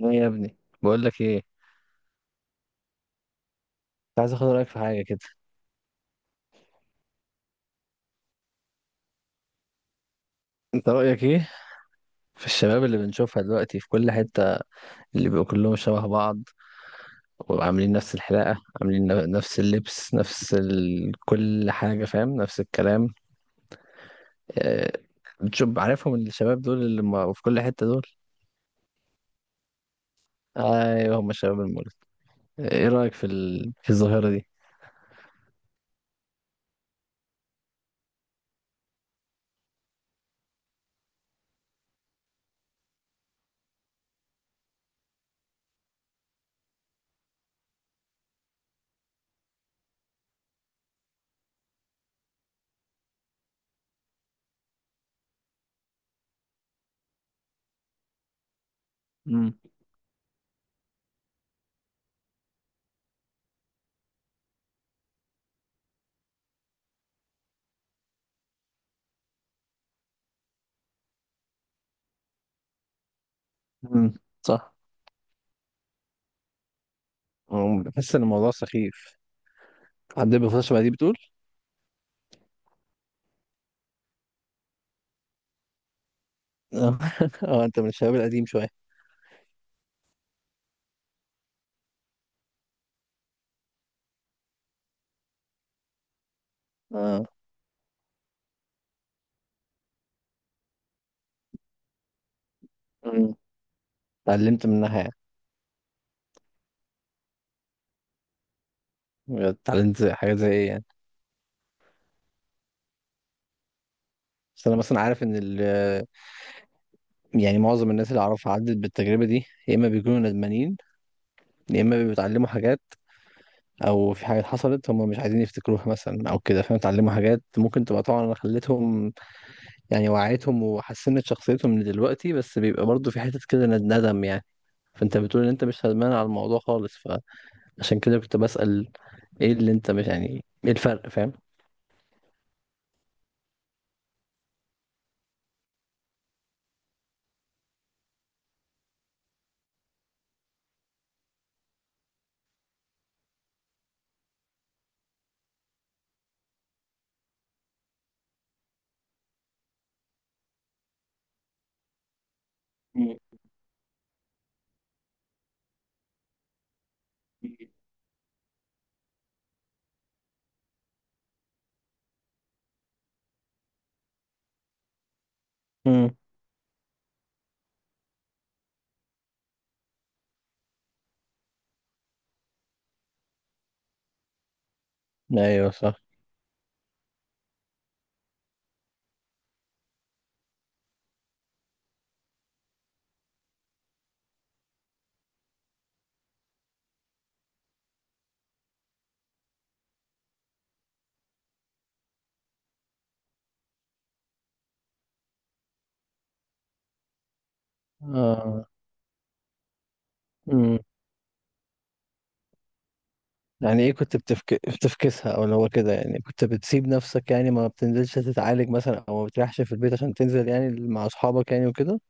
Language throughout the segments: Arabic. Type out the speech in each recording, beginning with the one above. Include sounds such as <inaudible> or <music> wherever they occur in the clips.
ايه يا ابني؟ بقول لك ايه. كنت عايز اخد رايك في حاجه كده. انت رايك ايه في الشباب اللي بنشوفها دلوقتي في كل حته، اللي بيبقوا كلهم شبه بعض وعاملين نفس الحلاقه، عاملين نفس اللبس، نفس كل حاجه، فاهم، نفس الكلام. آه، بتشوف عارفهم الشباب دول اللي ما... في كل حته دول. ايوه، هم الشباب المولد. ايه رايك في الظاهره دي؟ امم. امم، صح. بحس ان الموضوع سخيف عندنا، بيفضل شبه دي بتقول. <laughs> اه، انت من الشباب القديم شويه. اه. اتعلمت منها يعني. اتعلمت حاجات زي ايه يعني؟ بس انا مثلا عارف ان يعني معظم الناس اللي اعرفها عدت بالتجربه دي، يا اما بيكونوا ندمانين يا اما بيتعلموا حاجات، او في حاجات حصلت هم مش عايزين يفتكروها مثلا، او كده، فاهم، اتعلموا حاجات ممكن تبقى طبعا خلتهم يعني وعيتهم وحسنت شخصيتهم من دلوقتي، بس بيبقى برضه في حته كده ندم يعني. فانت بتقول ان انت مش ندمان على الموضوع خالص، فعشان كده كنت بسأل ايه اللي انت مش يعني ايه الفرق، فاهم؟ مم. مم. ايوه صح. آه. امم. يعني ايه كنت بتفكسها او اللي هو كده يعني؟ كنت بتسيب نفسك يعني ما بتنزلش تتعالج مثلا او ما بتريحش في البيت عشان تنزل يعني مع اصحابك يعني وكده؟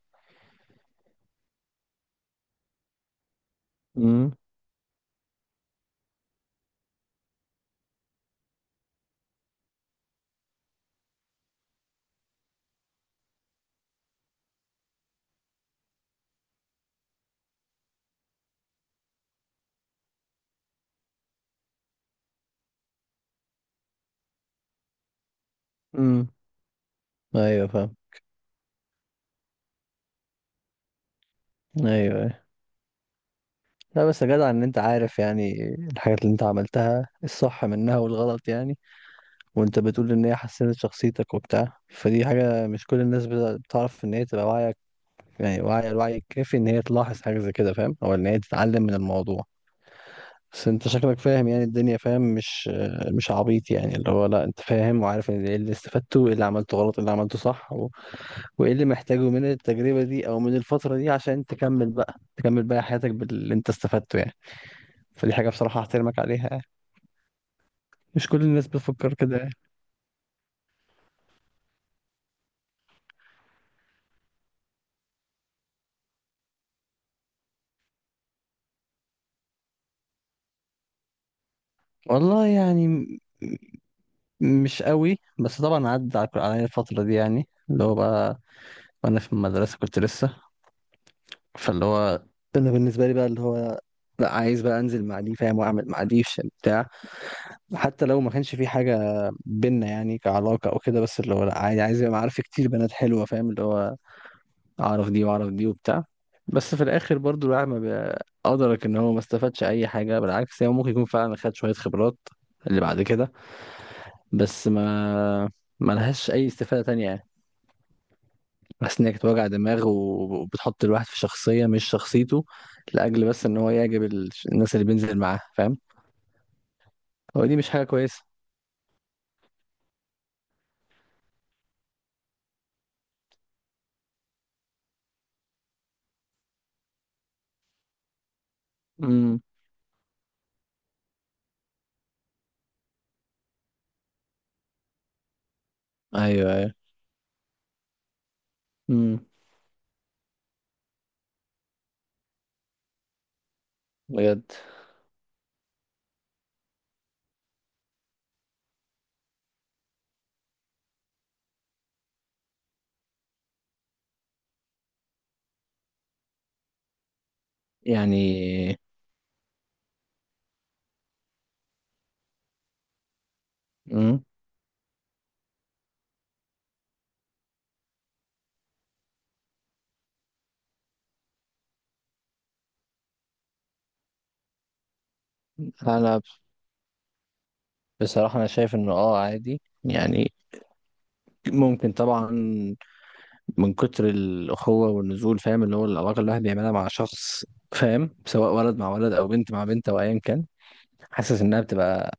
امم. امم. ايوه فاهم. ايوه أيوة. لا بس يا جدع، ان انت عارف يعني الحاجات اللي انت عملتها الصح منها والغلط يعني، وانت بتقول ان هي حسنت شخصيتك وبتاع، فدي حاجة مش كل الناس بتعرف ان هي تبقى واعية يعني، واعية الوعي الكافي ان هي تلاحظ حاجة زي كده، فاهم، او ان هي تتعلم من الموضوع. بس انت شكلك فاهم يعني الدنيا، فاهم، مش عبيط يعني، اللي هو لا انت فاهم وعارف ان ايه اللي استفدته وايه اللي عملته غلط، ايه اللي عملته صح وايه اللي محتاجه من التجربة دي او من الفترة دي عشان تكمل بقى، تكمل بقى حياتك باللي انت استفدته يعني. فدي حاجة بصراحة احترمك عليها يعني. مش كل الناس بتفكر كده يعني. والله يعني مش قوي، بس طبعا عدى عليا الفترة دي يعني اللي هو بقى وانا في المدرسة كنت لسه، فاللي هو، انا بالنسبة لي بقى اللي هو لا عايز بقى انزل مع دي، فاهم، واعمل مع دي بتاع، حتى لو ما كانش في حاجة بينا يعني كعلاقة أو كده، بس اللي هو لأ عادي عايز يبقى معارف كتير بنات حلوة، فاهم، اللي هو أعرف دي وأعرف دي وبتاع، بس في الآخر برضو الواحد ما بي- أدرك إن هو ما استفادش أي حاجة، بالعكس هو ممكن يكون فعلا خد شوية خبرات اللي بعد كده، بس ما لهاش أي استفادة تانية يعني، بس إن هي كانت وجع دماغ وبتحط الواحد في شخصية مش شخصيته، لأجل بس إن هو يعجب الناس اللي بينزل معاها، فاهم. هو دي مش حاجة كويسة. امم. أيوه أيوه. امم. بجد يعني. مم. انا بصراحة انا شايف انه اه عادي يعني، ممكن طبعا من كتر الاخوة والنزول، فاهم، اللي هو العلاقة اللي الواحد بيعملها مع شخص، فاهم، سواء ولد مع ولد او بنت مع بنت او ايا كان، حاسس انها بتبقى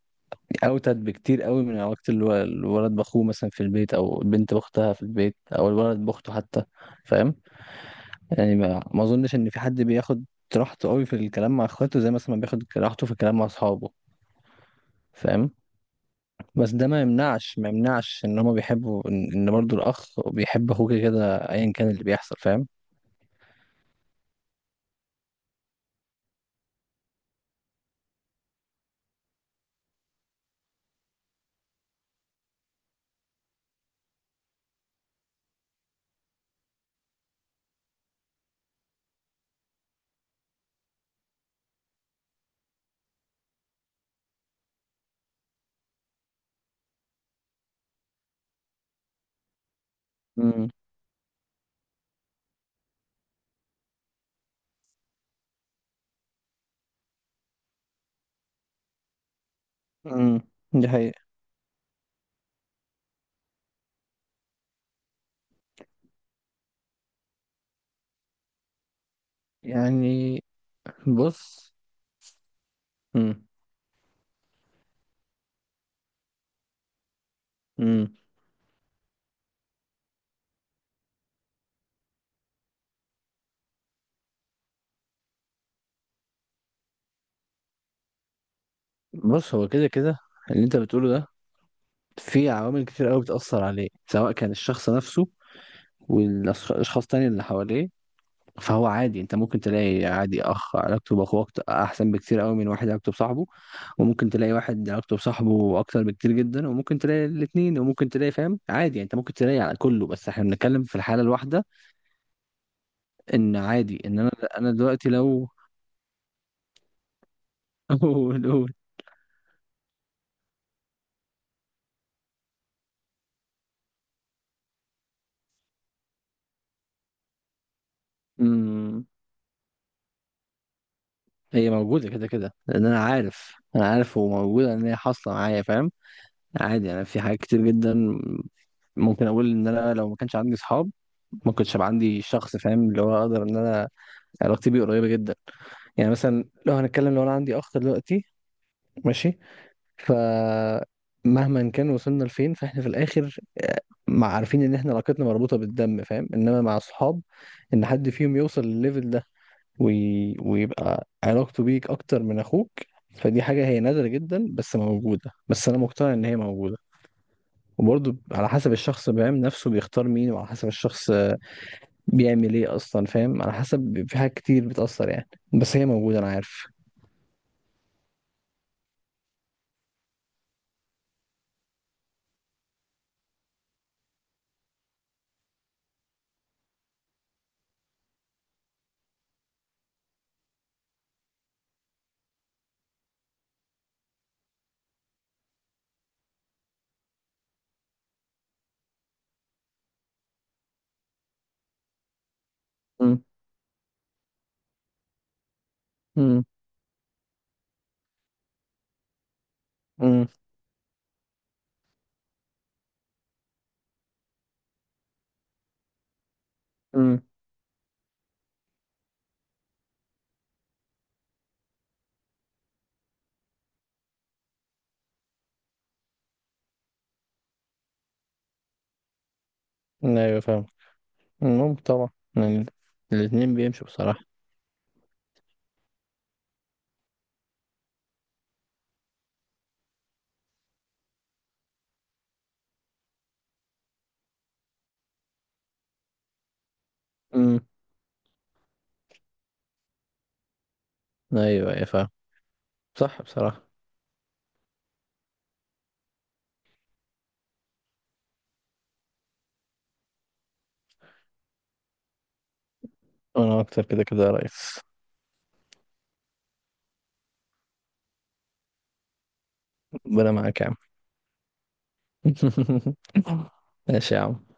اوتد بكتير قوي من علاقة الولد باخوه مثلا في البيت او البنت باختها في البيت او الولد باخته حتى، فاهم، يعني ما اظنش ان في حد بياخد راحته قوي في الكلام مع اخواته زي مثلا ما بياخد راحته في الكلام مع اصحابه، فاهم، بس ده ما يمنعش، ما يمنعش ان هما بيحبوا ان إن برضو الاخ بيحب اخوه كده كده ايا كان اللي بيحصل، فاهم. امم. امم. دي حقيقة. يعني بص مم. مم. بص هو كده كده اللي انت بتقوله ده، في عوامل كتير قوي بتأثر عليه، سواء كان الشخص نفسه والاشخاص تاني اللي حواليه، فهو عادي، انت ممكن تلاقي عادي اخ علاقته باخوه احسن بكتير قوي من واحد علاقته بصاحبه، وممكن تلاقي واحد علاقته بصاحبه اكتر بكتير جدا، وممكن تلاقي الاثنين، وممكن تلاقي، فاهم، عادي يعني، انت ممكن تلاقي على كله، بس احنا بنتكلم في الحاله الواحده. ان عادي ان انا دلوقتي لو <laughs> قول قول. أمم، هي موجوده كده كده، لان انا عارف انا عارف هو موجوده ان هي حاصله معايا، فاهم، عادي. انا في حاجات كتير جدا ممكن اقول ان انا لو ما كانش عندي اصحاب ما كنتش هبقى عندي شخص، فاهم، اللي هو اقدر ان انا علاقتي بيه قريبه جدا. يعني مثلا لو هنتكلم لو انا عندي اخ دلوقتي، ماشي، فمهما كان وصلنا لفين فاحنا في الاخر مع عارفين ان احنا علاقتنا مربوطة بالدم، فاهم، انما مع الصحاب ان حد فيهم يوصل للليفل ده ويبقى علاقته بيك اكتر من اخوك، فدي حاجة هي نادرة جدا، بس موجودة، بس انا مقتنع ان هي موجودة. وبرضه على حسب الشخص بيعمل نفسه، بيختار مين، وعلى حسب الشخص بيعمل ايه اصلا، فاهم، على حسب، في حاجات كتير بتأثر يعني، بس هي موجودة انا عارف. امم. امم. امم. ايوه فاهم. مم، طبعا. يعني الاتنين بيمشوا بصراحة. امم. ايوه ايوه فاهم. صح بصراحة. وانا اكتر كده كده يا ريس. <laughs> ربنا معاك يا عم. <laughs> ماشي يا عم.